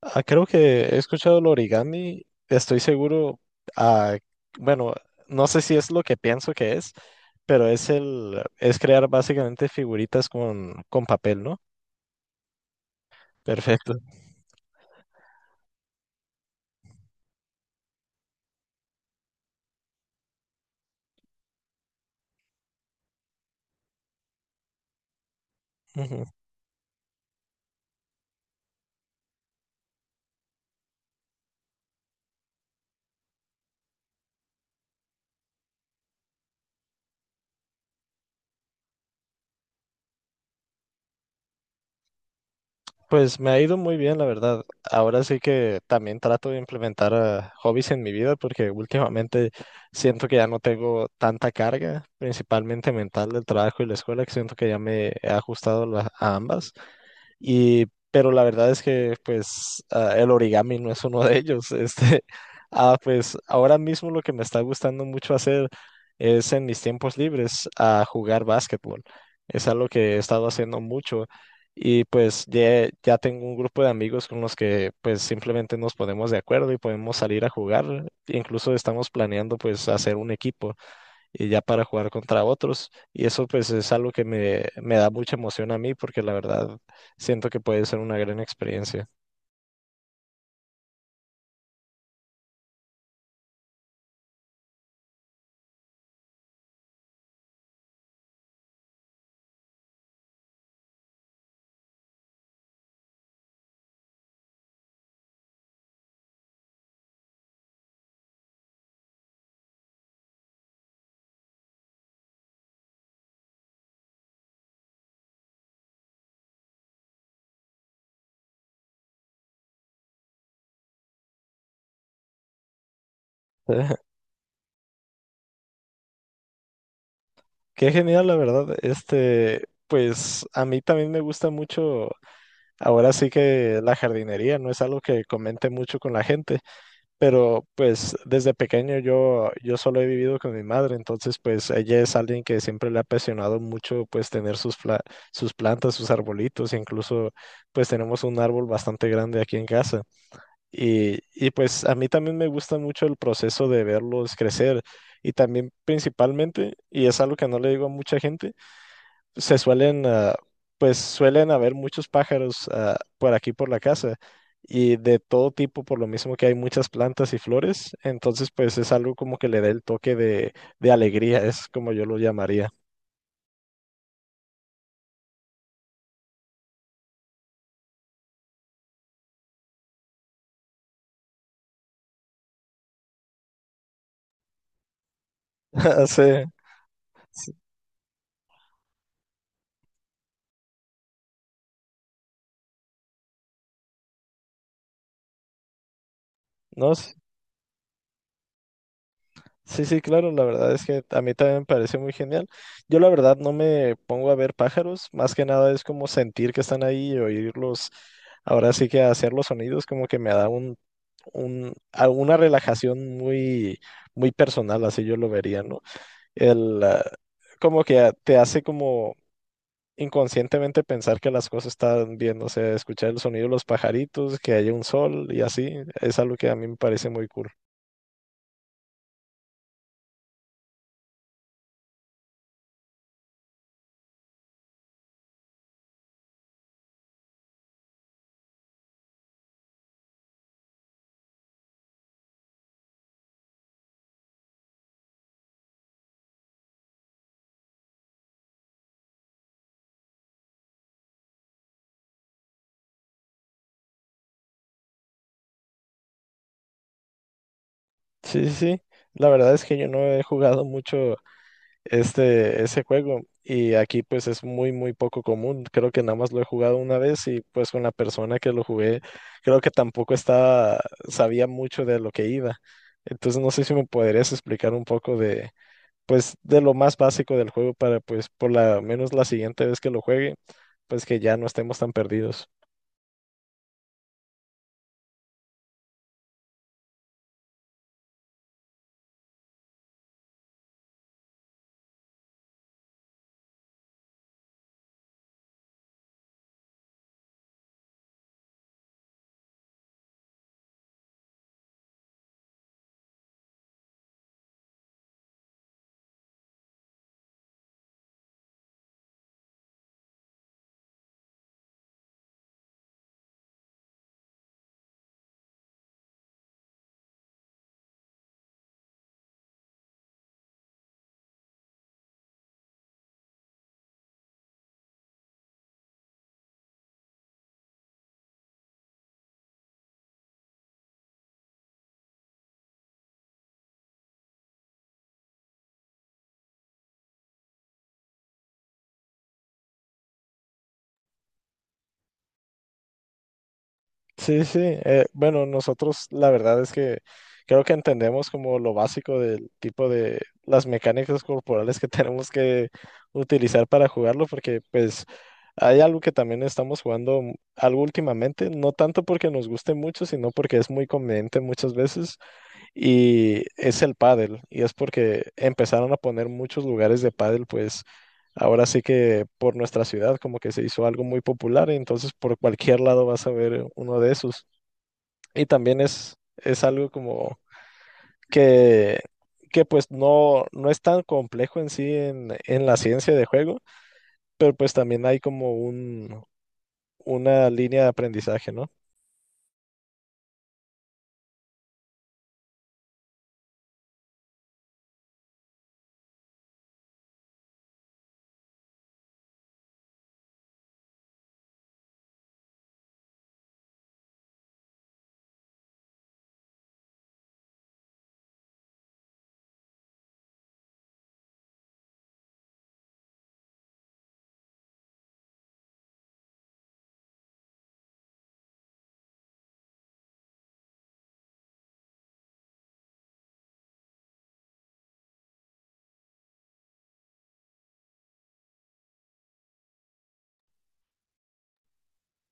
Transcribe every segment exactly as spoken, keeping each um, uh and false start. Ah, creo que he escuchado el origami, estoy seguro, ah, bueno, no sé si es lo que pienso que es, pero es el, es crear básicamente figuritas con, con papel, ¿no? Perfecto. Ujú. Pues me ha ido muy bien, la verdad. Ahora sí que también trato de implementar ah, hobbies en mi vida porque últimamente siento que ya no tengo tanta carga, principalmente mental del trabajo y la escuela, que siento que ya me he ajustado la- a ambas. Y, pero la verdad es que pues ah, el origami no es uno de ellos. Este, ah, pues ahora mismo lo que me está gustando mucho hacer es en mis tiempos libres a jugar básquetbol. Es algo que he estado haciendo mucho y pues ya, ya tengo un grupo de amigos con los que pues simplemente nos ponemos de acuerdo y podemos salir a jugar. Incluso estamos planeando pues hacer un equipo y ya para jugar contra otros. Y eso pues es algo que me, me da mucha emoción a mí porque la verdad siento que puede ser una gran experiencia. Qué genial, la verdad. Este, pues a mí también me gusta mucho, ahora sí que la jardinería no es algo que comente mucho con la gente, pero pues desde pequeño yo, yo solo he vivido con mi madre, entonces pues ella es alguien que siempre le ha apasionado mucho pues tener sus, fla- sus plantas, sus arbolitos, incluso pues tenemos un árbol bastante grande aquí en casa. Y, y pues a mí también me gusta mucho el proceso de verlos crecer y también principalmente, y es algo que no le digo a mucha gente, se suelen, ah, pues suelen haber muchos pájaros ah, por aquí, por la casa, y de todo tipo, por lo mismo que hay muchas plantas y flores, entonces pues es algo como que le da el toque de, de alegría, es como yo lo llamaría. Sí, no, s- sí, sí, claro, la verdad es que a mí también me parece muy genial. Yo la verdad no me pongo a ver pájaros, más que nada es como sentir que están ahí y oírlos. Ahora sí que hacer los sonidos como que me da un, alguna relajación muy, muy personal, así yo lo vería, ¿no? El, ah, como que ah, te hace como inconscientemente pensar que las cosas están bien, o sea, escuchar el sonido de los pajaritos, que haya un sol y así, es algo que a mí me parece muy cool. Sí, sí, sí. La verdad es que yo no he jugado mucho este, ese juego. Y aquí pues es muy, muy poco común. Creo que nada más lo he jugado una vez y pues con la persona que lo jugué, creo que tampoco estaba, sabía mucho de lo que iba. Entonces no sé si me podrías explicar un poco de, pues, de lo más básico del juego para pues por la menos la siguiente vez que lo juegue, pues que ya no estemos tan perdidos. Sí, sí. Eh, bueno, nosotros la verdad es que creo que entendemos como lo básico del tipo de las mecánicas corporales que tenemos que utilizar para jugarlo, porque pues hay algo que también estamos jugando m- algo últimamente, no tanto porque nos guste mucho, sino porque es muy conveniente muchas veces y es el pádel, y es porque empezaron a poner muchos lugares de pádel, pues ahora sí que por nuestra ciudad como que se hizo algo muy popular, y entonces por cualquier lado vas a ver uno de esos. Y también es, es algo como que, que pues no, no es tan complejo en sí en, en la ciencia de juego, pero pues también hay como un, una línea de aprendizaje, ¿no?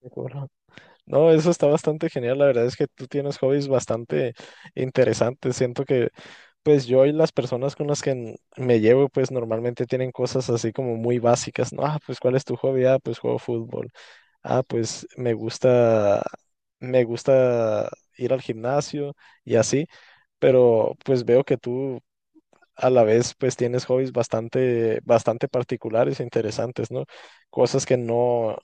De Corra. No, eso está bastante genial. La verdad es que tú tienes hobbies bastante interesantes. Siento que, pues yo y las personas con las que n- me llevo, pues normalmente tienen cosas así como muy básicas, ¿no? Ah, pues ¿cuál es tu hobby? Ah, pues juego fútbol. Ah, pues me gusta, me gusta ir al gimnasio y así. Pero pues veo que tú a la vez pues tienes hobbies bastante, bastante particulares e interesantes, ¿no? Cosas que no,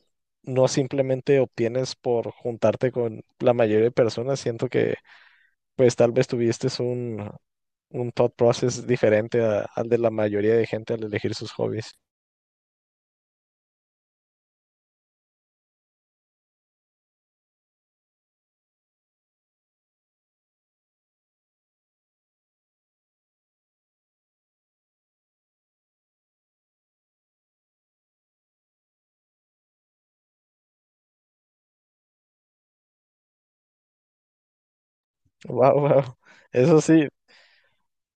no simplemente obtienes por juntarte con la mayoría de personas. Siento que pues tal vez tuviste un, un thought process diferente a- al de la mayoría de gente al elegir sus hobbies. Wow, wow. Eso sí,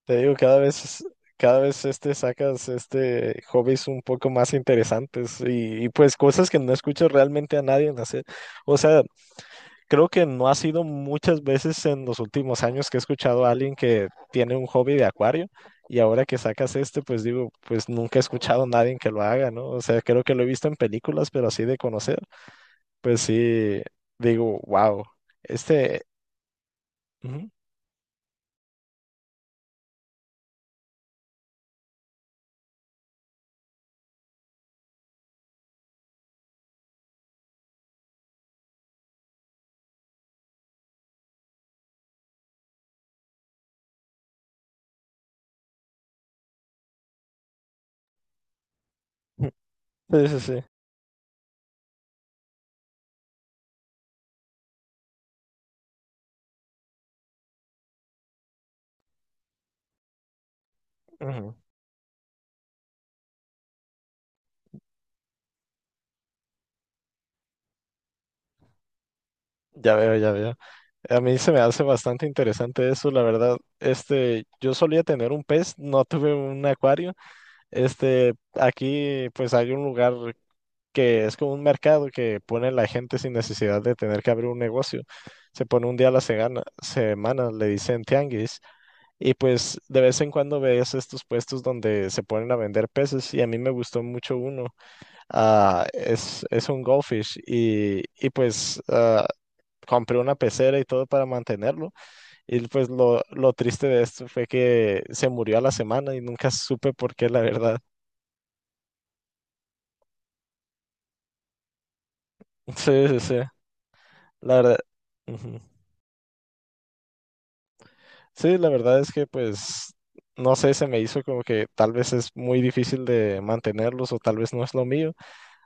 te digo, cada vez, cada vez este sacas este hobbies un poco más interesantes y, y pues cosas que no escucho realmente a nadie en hacer. O sea, creo que no ha sido muchas veces en los últimos años que he escuchado a alguien que tiene un hobby de acuario y ahora que sacas este, pues digo, pues nunca he escuchado a nadie que lo haga, ¿no? O sea, creo que lo he visto en películas, pero así de conocer, pues sí, digo, wow, este... Ujú. Sí, sí, sí. Ujú. Ya veo, ya veo. A mí se me hace bastante interesante eso, la verdad. Este, yo solía tener un pez, no tuve un acuario. Este, aquí pues hay un lugar que es como un mercado que pone la gente sin necesidad de tener que abrir un negocio. Se pone un día a la segana- semana, le dicen tianguis, y pues de vez en cuando ves estos puestos donde se ponen a vender peces, y a mí me gustó mucho uno. Ah, es, es un goldfish, y, y pues ah, compré una pecera y todo para mantenerlo. Y pues lo, lo triste de esto fue que se murió a la semana y nunca supe por qué, la verdad. Sí, sí, sí, la verdad. Ujú. Sí, la verdad es que pues, no sé, se me hizo como que tal vez es muy difícil de mantenerlos o tal vez no es lo mío,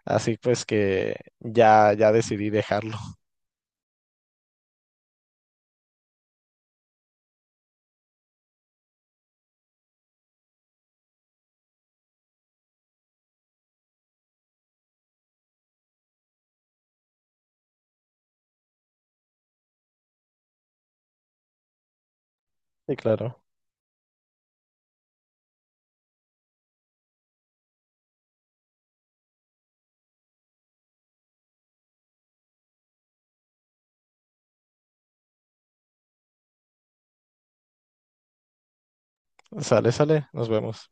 así pues que ya, ya decidí dejarlo. Y claro, sale, sale, nos vemos.